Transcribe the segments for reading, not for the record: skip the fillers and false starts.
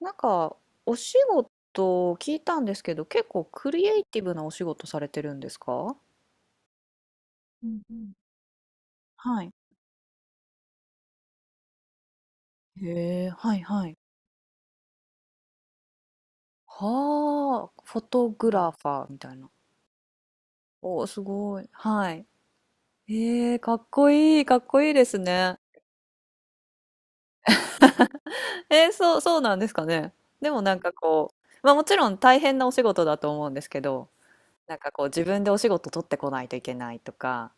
なんか、お仕事を聞いたんですけど、結構クリエイティブなお仕事されてるんですか。うんうん。はい。へえ、はいはい。はあ、フォトグラファーみたいな。おー、すごい。はい。ええ、かっこいい、かっこいいですね。えー、そう、そうなんですかね。でもなんかこう、まあもちろん大変なお仕事だと思うんですけど、なんかこう自分でお仕事取ってこないといけないとか、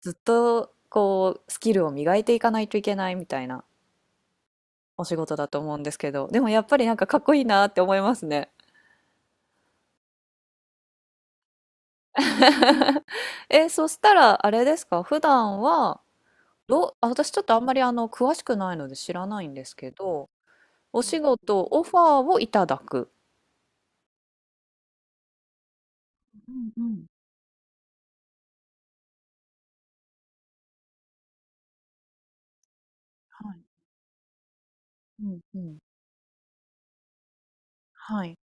ずっとこうスキルを磨いていかないといけないみたいなお仕事だと思うんですけど、でもやっぱりなんかかっこいいなって思いますね。え、そしたらあれですか、普段は、どあ、私ちょっとあんまり詳しくないので知らないんですけど、お仕事、オファーをいただく。うんうん。はい。うんうん。はい。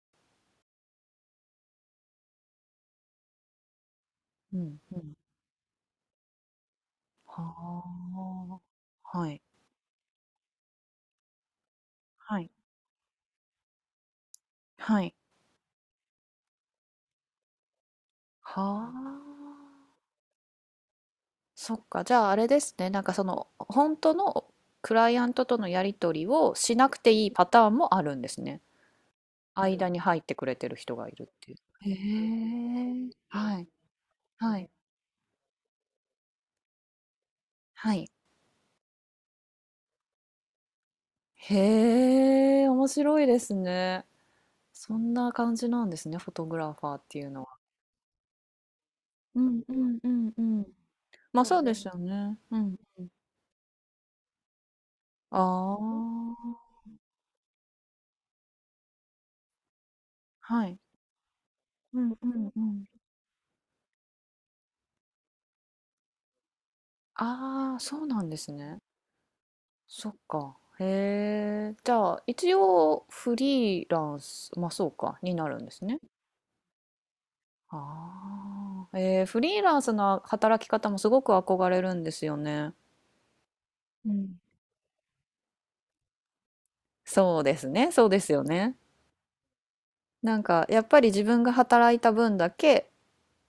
うんうん。はあ。はい。はい。はい。はあ。そっか。じゃああれですね。なんかその、本当のクライアントとのやり取りをしなくていいパターンもあるんですね。間に入ってくれてる人がいるっていう。へえ、はい、はい、はい。へえ、面白いですね。そんな感じなんですね、フォトグラファーっていうのは。うんうんうんうん。まあそうですよね。うん。ああ、はい。うんうんうん。ああ、そうなんですね。そっか。へえ。じゃあ、一応フリーランス、まあそうか、になるんですね。ああ、えー、フリーランスの働き方もすごく憧れるんですよね。うん、そうですね、そうですよね。なんかやっぱり自分が働いた分だけ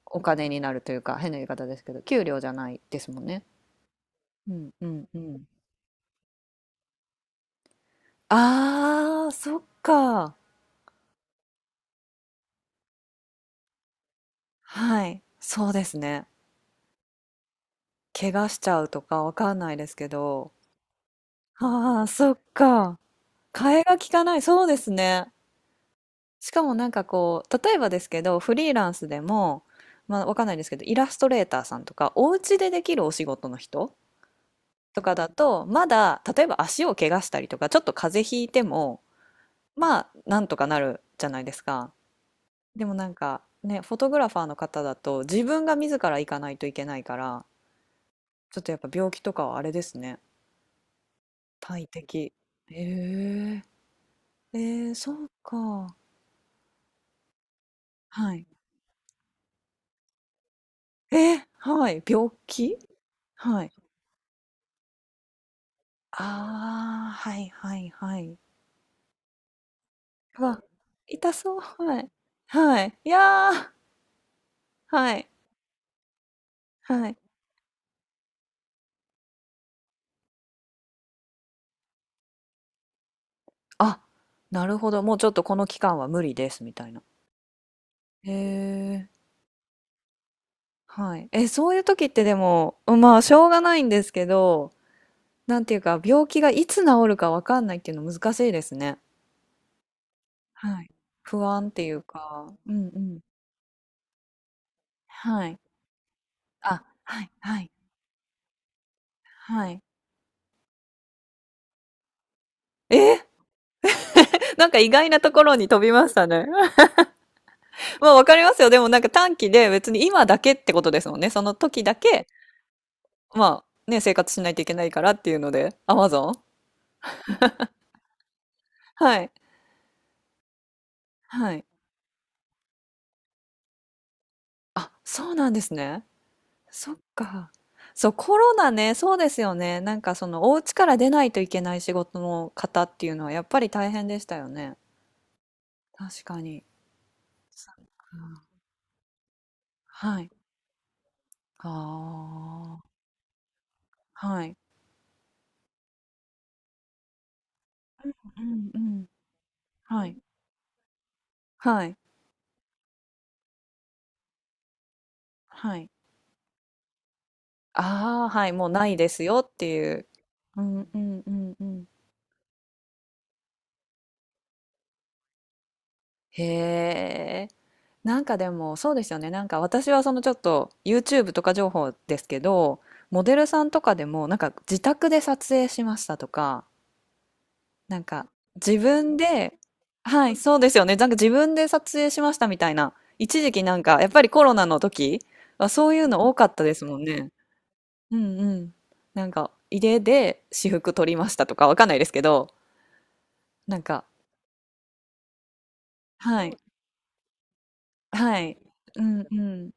お金になるというか、変な言い方ですけど、給料じゃないですもんね。うんうんうん。ああ、そっか。はい、そうですね。怪我しちゃうとかわかんないですけど。ああ、そっか。替えが利かない、そうですね。しかもなんかこう、例えばですけど、フリーランスでも、まあわかんないですけど、イラストレーターさんとか、お家でできるお仕事の人とかだと、まだ、例えば足を怪我したりとか、ちょっと風邪ひいても、まあ、なんとかなるじゃないですか。でもなんか、ね、フォトグラファーの方だと、自分が自ら行かないといけないから、ちょっとやっぱ病気とかはあれですね。大敵。えええー、そうか。はい。えー、はい。病気。はい。ああ、はいはいはい。わ、痛そう、はい。はい。いやー、はい。はい。あ、なるほど。もうちょっとこの期間は無理です、みたいな。へえ、はい。え、そういう時ってでも、まあ、しょうがないんですけど、なんていうか、病気がいつ治るかわかんないっていうの難しいですね。はい。不安っていうか、うんうん。はい。あ、はい、はい、はい。えー、なんか意外なところに飛びましたね。まあ、わかりますよ。でもなんか短期で別に今だけってことですもんね。その時だけ、まあね、生活しないといけないからっていうので、Amazon？ はい。はい。あ、そうなんですね。そっか。そう、コロナね、そうですよね。なんかそのお家から出ないといけない仕事の方っていうのはやっぱり大変でしたよね。確かに。そっか。はい。ああ、はい。うんうん。はい。はい。はい。ああ、はい。もうないですよっていう。うんうんうんうん。へえ。なんかでもそうですよね。なんか私はそのちょっと YouTube とか情報ですけど、モデルさんとかでもなんか自宅で撮影しましたとか、なんか自分で、はい、そうですよね。なんか自分で撮影しましたみたいな。一時期なんかやっぱりコロナの時はそういうの多かったですもんね。うんうん。なんか家で私服撮りましたとかわかんないですけど、なんか、はい、はい、うんうん。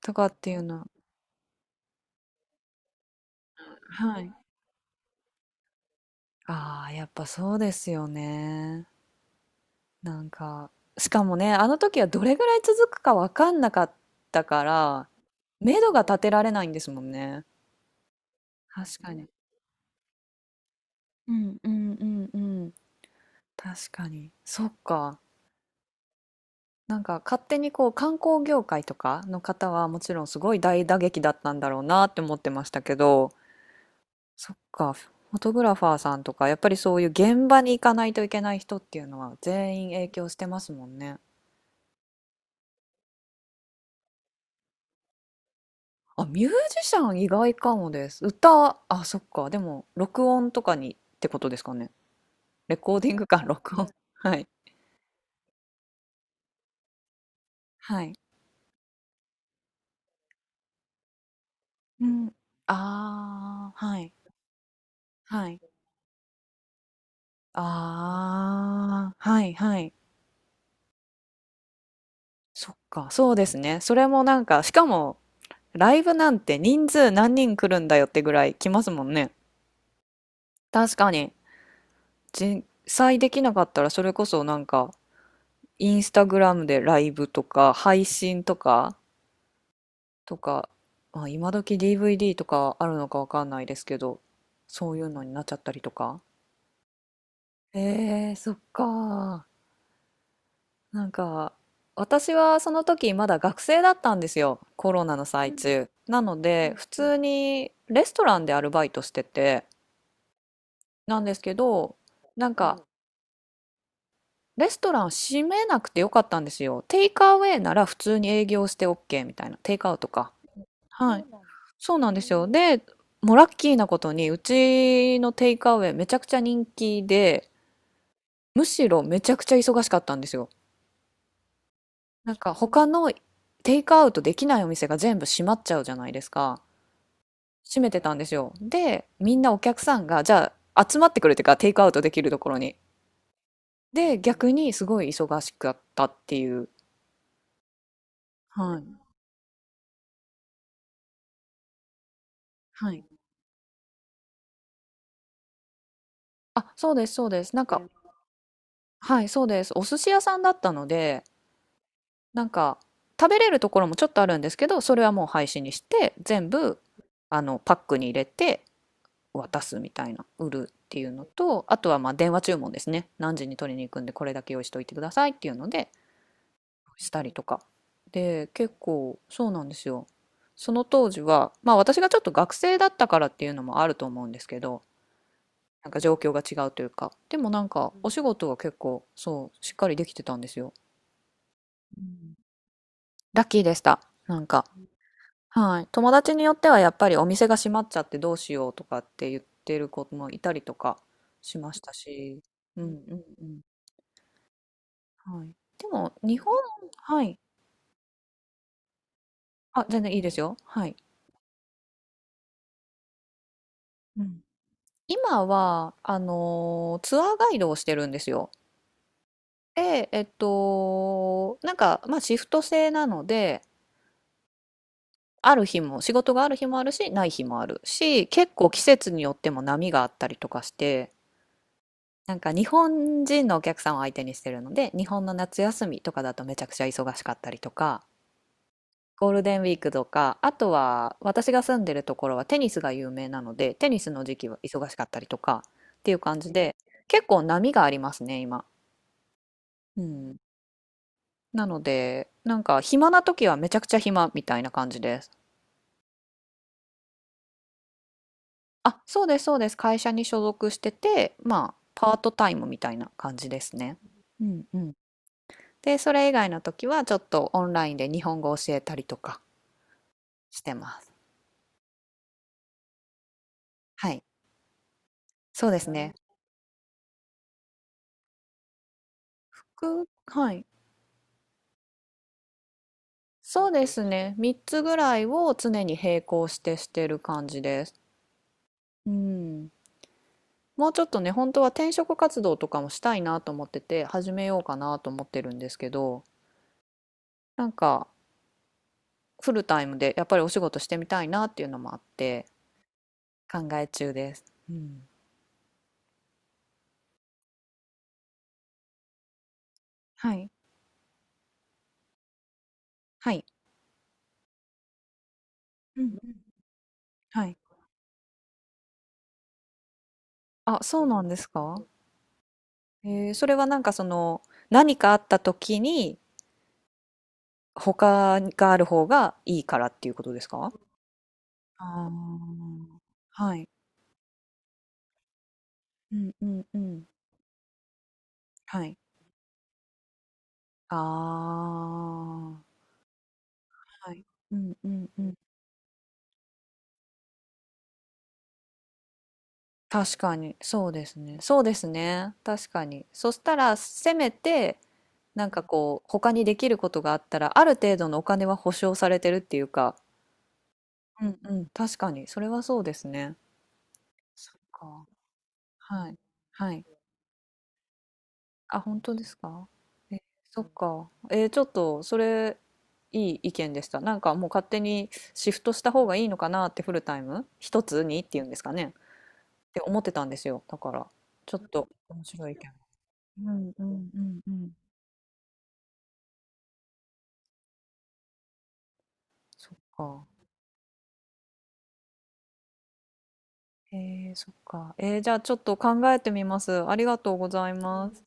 とかっていうの。はい。ああ、やっぱそうですよね。なんか、しかもね、あの時はどれぐらい続くかわかんなかったから、目処が立てられないんですもんね。確かに。うんうんうんうん。確かに。そっか。なんか勝手にこう観光業界とかの方はもちろんすごい大打撃だったんだろうなって思ってましたけど、そっか、フォトグラファーさんとか、やっぱりそういう現場に行かないといけない人っていうのは全員影響してますもんね。あ、ミュージシャン意外かもです。歌、はあ、そっか、でも録音とかにってことですかね。レコーディングか、録音。はい。はい。うん。ああ、はい。はい。ああ、はい、はい。そっか、そうですね。それもなんか、しかも、ライブなんて人数何人来るんだよってぐらい来ますもんね。確かに。実際できなかったらそれこそなんかインスタグラムでライブとか配信とかとか、まあ、今時 DVD とかあるのかわかんないですけど、そういうのになっちゃったりとか。えー、そっか。なんか私はその時まだ学生だったんですよ。コロナの最中なので普通にレストランでアルバイトしてて、なんですけど、なんかレストラン閉めなくてよかったんですよ。テイクアウェイなら普通に営業して OK みたいな。テイクアウトか。はい。そうなんですねよ。で、もうラッキーなことに、うちのテイクアウェイめちゃくちゃ人気で、むしろめちゃくちゃ忙しかったんですよ。なんか他のテイクアウトできないお店が全部閉まっちゃうじゃないですか。閉めてたんですよ。で、みんなお客さんが、じゃあ集まってくるっていうか、テイクアウトできるところに。で、逆にすごい忙しかったっていう。はい。はい。あ、そうです、そうです。なんか、はい、そうです。お寿司屋さんだったので、なんか、食べれるところもちょっとあるんですけど、それはもう廃止にして、全部、パックに入れて渡すみたいな、売るっていうのと、あとはまあ電話注文ですね。何時に取りに行くんで、これだけ用意しておいてくださいっていうので、したりとか。で、結構、そうなんですよ。その当時は、まあ私がちょっと学生だったからっていうのもあると思うんですけど、なんか状況が違うというか。でもなんか、お仕事は結構、そう、しっかりできてたんですよ。うん、ラッキーでした。なんか、はい。友達によってはやっぱりお店が閉まっちゃってどうしようとかって言ってる子もいたりとかしましたし、うんんうんうん。はい。でも、日本、はい。あ、全然いいですよ。はい。うん。今は、ツアーガイドをしてるんですよ。で、なんか、まあ、シフト制なので、ある日も仕事がある日もあるしない日もあるし、結構季節によっても波があったりとかして、なんか日本人のお客さんを相手にしてるので、日本の夏休みとかだとめちゃくちゃ忙しかったりとか、ゴールデンウィークとか、あとは私が住んでるところはテニスが有名なので、テニスの時期は忙しかったりとかっていう感じで、結構波がありますね今。うん、なのでなんか暇な時はめちゃくちゃ暇みたいな感じです。あ、そうですそうです。会社に所属してて、まあ、パートタイムみたいな感じですね。うんうん。で、それ以外の時はちょっとオンラインで日本語を教えたりとかしてます。はい。そうですね。く、はい。そうですね。3つぐらいを常に並行してしてる感じです。うん。もうちょっとね、本当は転職活動とかもしたいなと思ってて、始めようかなと思ってるんですけど、なんかフルタイムでやっぱりお仕事してみたいなっていうのもあって、考え中です。うん。はい。はい。うんうん。はい。あ、そうなんですか？ええ、それはなんかその、何かあった時に、他がある方がいいからっていうことですか？ああ、はい。うんうんうん。はい。ああ。はい。うんうんうん。確かに、そうですね。そうですね、確かに。そしたら、せめて、なんかこう、他にできることがあったら、ある程度のお金は保証されてるっていうか、うんうん、確かに、それはそうですね。そっか。はい。はい。あ、本当ですか。え、そっか。えーちょっと、それ、いい意見でした。なんかもう勝手にシフトした方がいいのかなって、フルタイム一つにっていうんですかね。って思ってたんですよ。だから、ちょっと面白い意見。うんうんうんうん。そっか。えー、そっか。えーじゃあちょっと考えてみます。ありがとうございます。